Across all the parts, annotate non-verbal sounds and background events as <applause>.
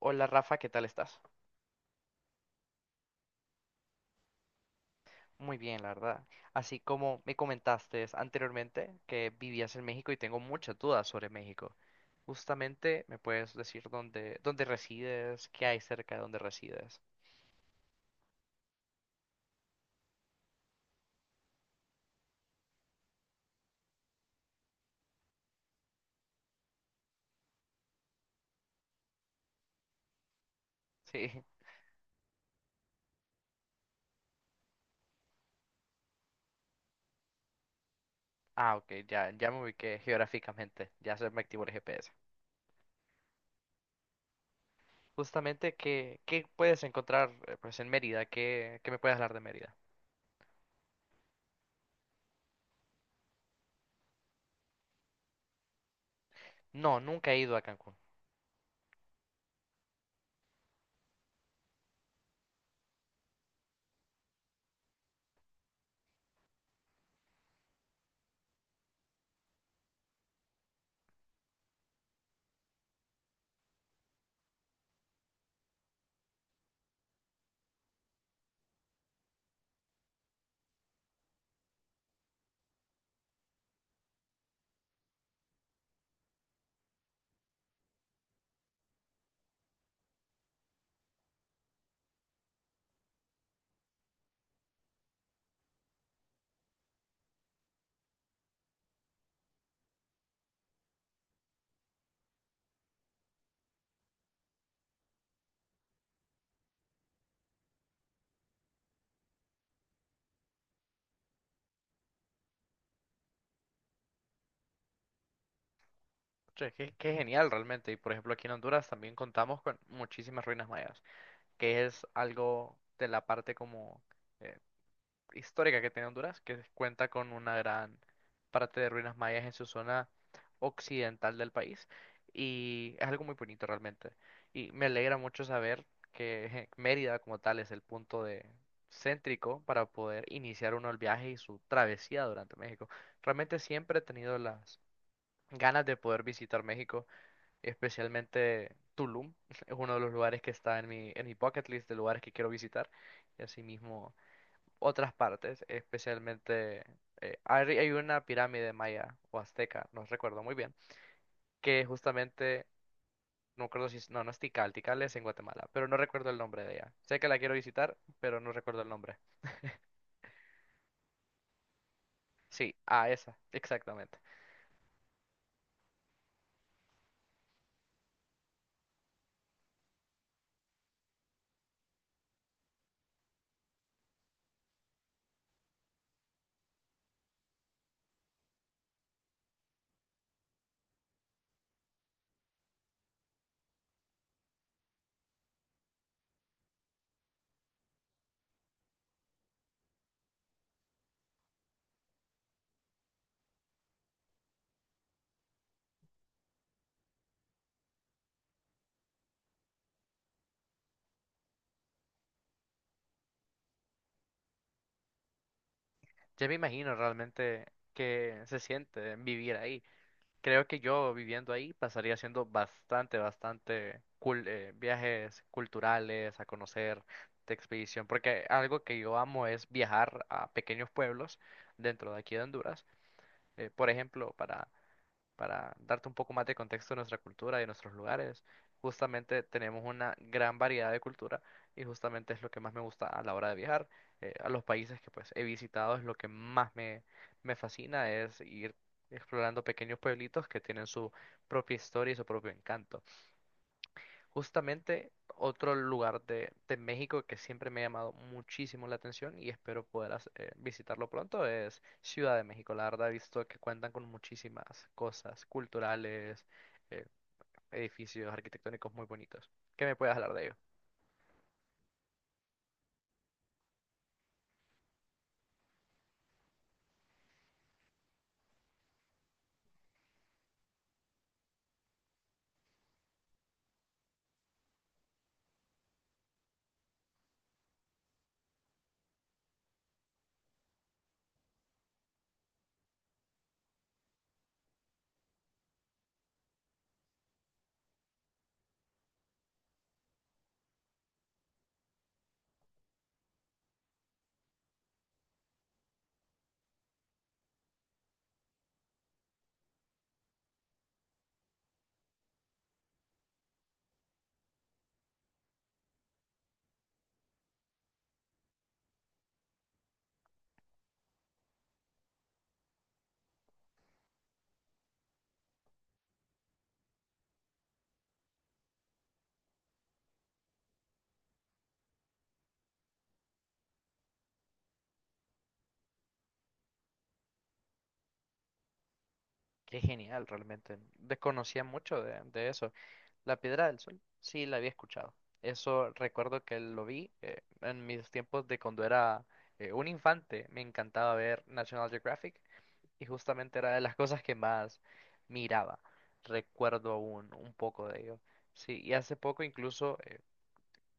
Hola Rafa, ¿qué tal estás? Muy bien, la verdad. Así como me comentaste anteriormente que vivías en México y tengo muchas dudas sobre México. Justamente, ¿me puedes decir dónde resides? ¿Qué hay cerca de donde resides? <laughs> Sí. Ah, ok, ya me ubiqué geográficamente. Ya se me activó el GPS. Justamente, ¿qué puedes encontrar pues, en Mérida? ¿Qué me puedes hablar de Mérida? No, nunca he ido a Cancún. Che, qué genial realmente. Y por ejemplo, aquí en Honduras también contamos con muchísimas ruinas mayas, que es algo de la parte como eh, histórica que tiene Honduras, que cuenta con una gran parte de ruinas mayas en su zona occidental del país, y es algo muy bonito realmente. Y me alegra mucho saber que Mérida como tal es el punto de céntrico para poder iniciar uno el viaje y su travesía durante México. Realmente siempre he tenido las ganas de poder visitar México, especialmente Tulum. <laughs> Es uno de los lugares que está en mi bucket list de lugares que quiero visitar. Y asimismo otras partes, especialmente hay una pirámide maya o azteca, no recuerdo muy bien, que justamente, no recuerdo si es, no, no es Tikal, Tikal es en Guatemala, pero no recuerdo el nombre de ella. Sé que la quiero visitar, pero no recuerdo el nombre. Sí, a esa, exactamente. Ya me imagino realmente que se siente vivir ahí. Creo que yo viviendo ahí pasaría haciendo viajes culturales, a conocer de expedición, porque algo que yo amo es viajar a pequeños pueblos dentro de aquí de Honduras. Por ejemplo, para darte un poco más de contexto de nuestra cultura y de nuestros lugares, justamente tenemos una gran variedad de cultura y justamente es lo que más me gusta a la hora de viajar. A los países que pues he visitado es lo que más me fascina, es ir explorando pequeños pueblitos que tienen su propia historia y su propio encanto. Justamente otro lugar de México que siempre me ha llamado muchísimo la atención y espero poder visitarlo pronto es Ciudad de México. La verdad he visto que cuentan con muchísimas cosas culturales, eh, edificios arquitectónicos muy bonitos. ¿Qué me puedes hablar de ello? Qué genial, realmente. Desconocía mucho de eso. La Piedra del Sol, sí, la había escuchado. Eso recuerdo que lo vi en mis tiempos de cuando era un infante. Me encantaba ver National Geographic. Y justamente era de las cosas que más miraba. Recuerdo aún un poco de ello. Sí, y hace poco incluso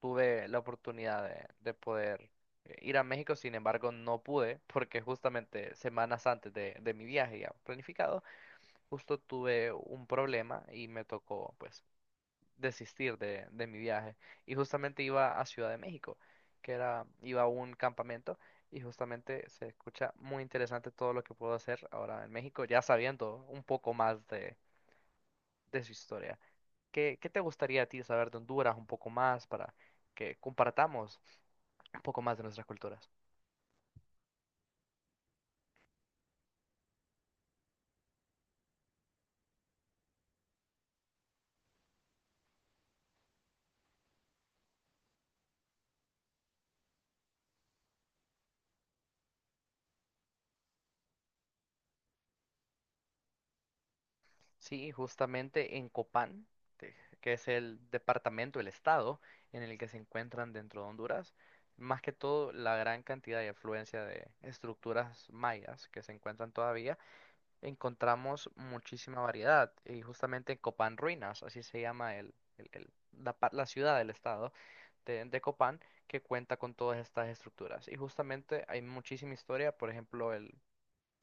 tuve la oportunidad de poder ir a México, sin embargo no pude porque justamente semanas antes de mi viaje ya planificado, justo tuve un problema y me tocó pues desistir de mi viaje. Y justamente iba a Ciudad de México, que era, iba a un campamento, y justamente se escucha muy interesante todo lo que puedo hacer ahora en México, ya sabiendo un poco más de su historia. ¿Qué te gustaría a ti saber de Honduras un poco más para que compartamos un poco más de nuestras culturas? Sí, justamente en Copán, te- que es el departamento, el estado en el que se encuentran dentro de Honduras, más que todo la gran cantidad y afluencia de estructuras mayas que se encuentran todavía, encontramos muchísima variedad. Y justamente en Copán Ruinas, así se llama la ciudad del estado de Copán, que cuenta con todas estas estructuras. Y justamente hay muchísima historia, por ejemplo,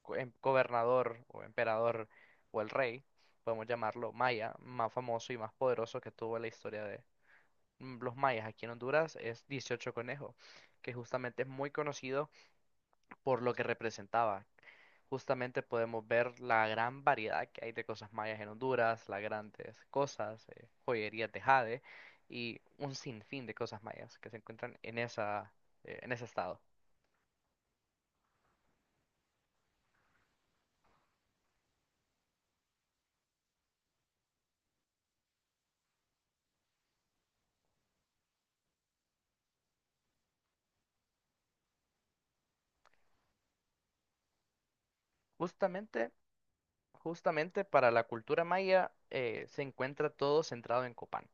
gobernador o emperador o el rey, podemos llamarlo maya, más famoso y más poderoso que tuvo la historia de los mayas aquí en Honduras, es 18 Conejo, que justamente es muy conocido por lo que representaba. Justamente podemos ver la gran variedad que hay de cosas mayas en Honduras, las grandes cosas, joyerías de jade y un sinfín de cosas mayas que se encuentran en en ese estado. Justamente Justamente para la cultura maya se encuentra todo centrado en Copán.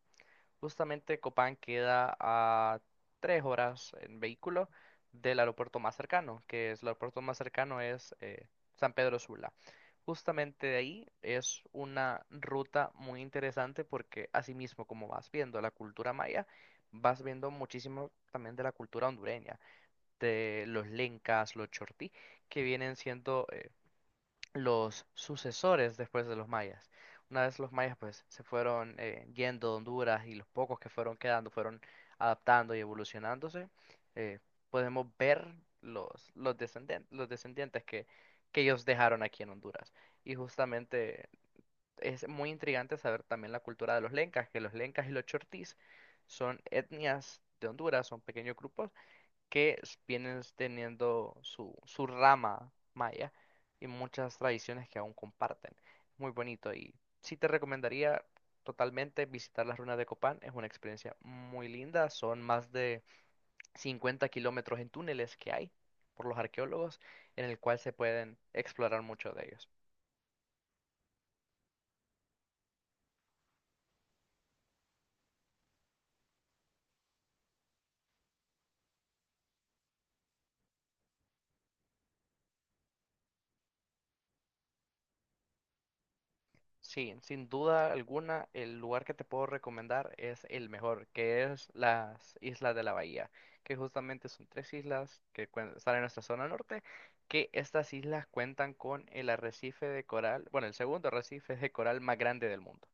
Justamente Copán queda a tres horas en vehículo del aeropuerto más cercano, que es el aeropuerto más cercano es San Pedro Sula. Justamente de ahí es una ruta muy interesante porque asimismo como vas viendo la cultura maya, vas viendo muchísimo también de la cultura hondureña, de los lencas, los chortí, que vienen siendo los sucesores después de los mayas. Una vez los mayas pues se fueron yendo de Honduras, y los pocos que fueron quedando fueron adaptando y evolucionándose, eh, podemos ver los los descendientes que ellos dejaron aquí en Honduras. Y justamente es muy intrigante saber también la cultura de los lencas, que los lencas y los chortís son etnias de Honduras, son pequeños grupos que vienen teniendo su rama maya y muchas tradiciones que aún comparten. Muy bonito, y sí te recomendaría totalmente visitar las ruinas de Copán. Es una experiencia muy linda. Son más de 50 kilómetros en túneles que hay por los arqueólogos en el cual se pueden explorar mucho de ellos. Sí, sin duda alguna, el lugar que te puedo recomendar es el mejor, que es las Islas de la Bahía, que justamente son tres islas que están en nuestra zona norte, que estas islas cuentan con el arrecife de coral, bueno, el segundo arrecife de coral más grande del mundo.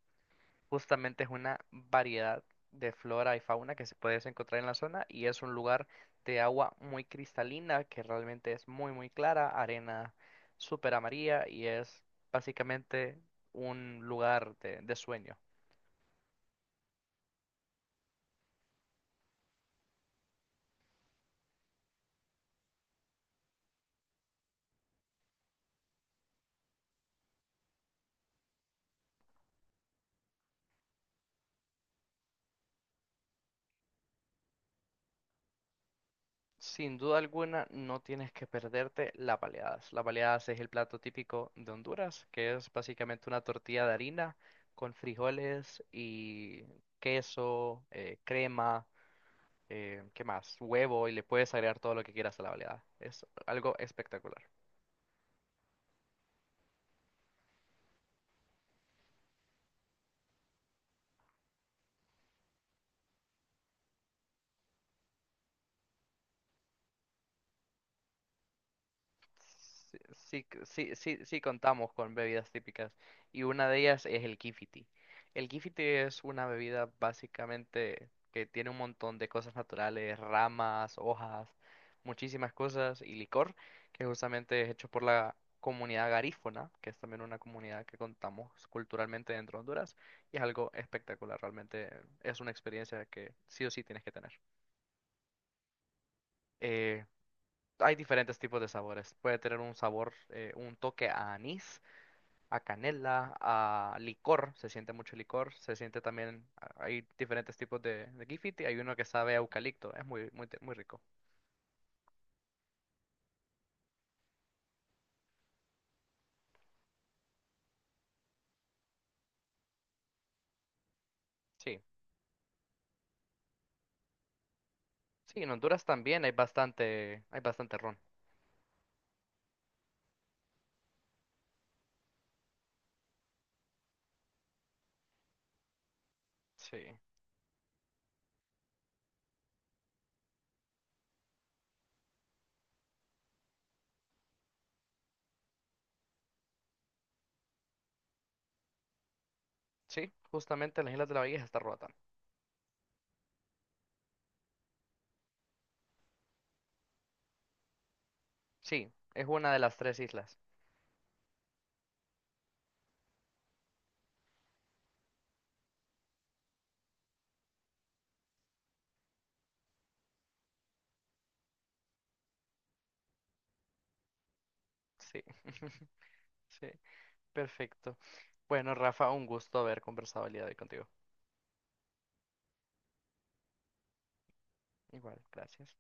Justamente es una variedad de flora y fauna que se puede encontrar en la zona y es un lugar de agua muy cristalina que realmente es muy muy clara, arena súper amarilla y es básicamente un lugar de sueño. Sin duda alguna no tienes que perderte las baleadas. Las baleadas es el plato típico de Honduras, que es básicamente una tortilla de harina con frijoles y queso, crema. ¿Qué más? Huevo, y le puedes agregar todo lo que quieras a la baleada. Es algo espectacular. Sí, contamos con bebidas típicas y una de ellas es el kifiti. El kifiti es una bebida básicamente que tiene un montón de cosas naturales, ramas, hojas, muchísimas cosas y licor, que justamente es hecho por la comunidad garífuna, que es también una comunidad que contamos culturalmente dentro de Honduras, y es algo espectacular, realmente es una experiencia que sí o sí tienes que tener. Eh, Hay diferentes tipos de sabores. Puede tener un sabor, un toque a anís, a canela, a licor. Se siente mucho licor. Se siente también, hay diferentes tipos de Gifiti. Hay uno que sabe a eucalipto. Es muy rico. Sí. Sí, en Honduras también hay bastante ron. Sí. Sí, justamente las Islas de la Bahía está Roatán. Sí, es una de las tres islas. Sí. <laughs> Sí, perfecto. Bueno, Rafa, un gusto haber conversado el día de hoy contigo. Igual, gracias.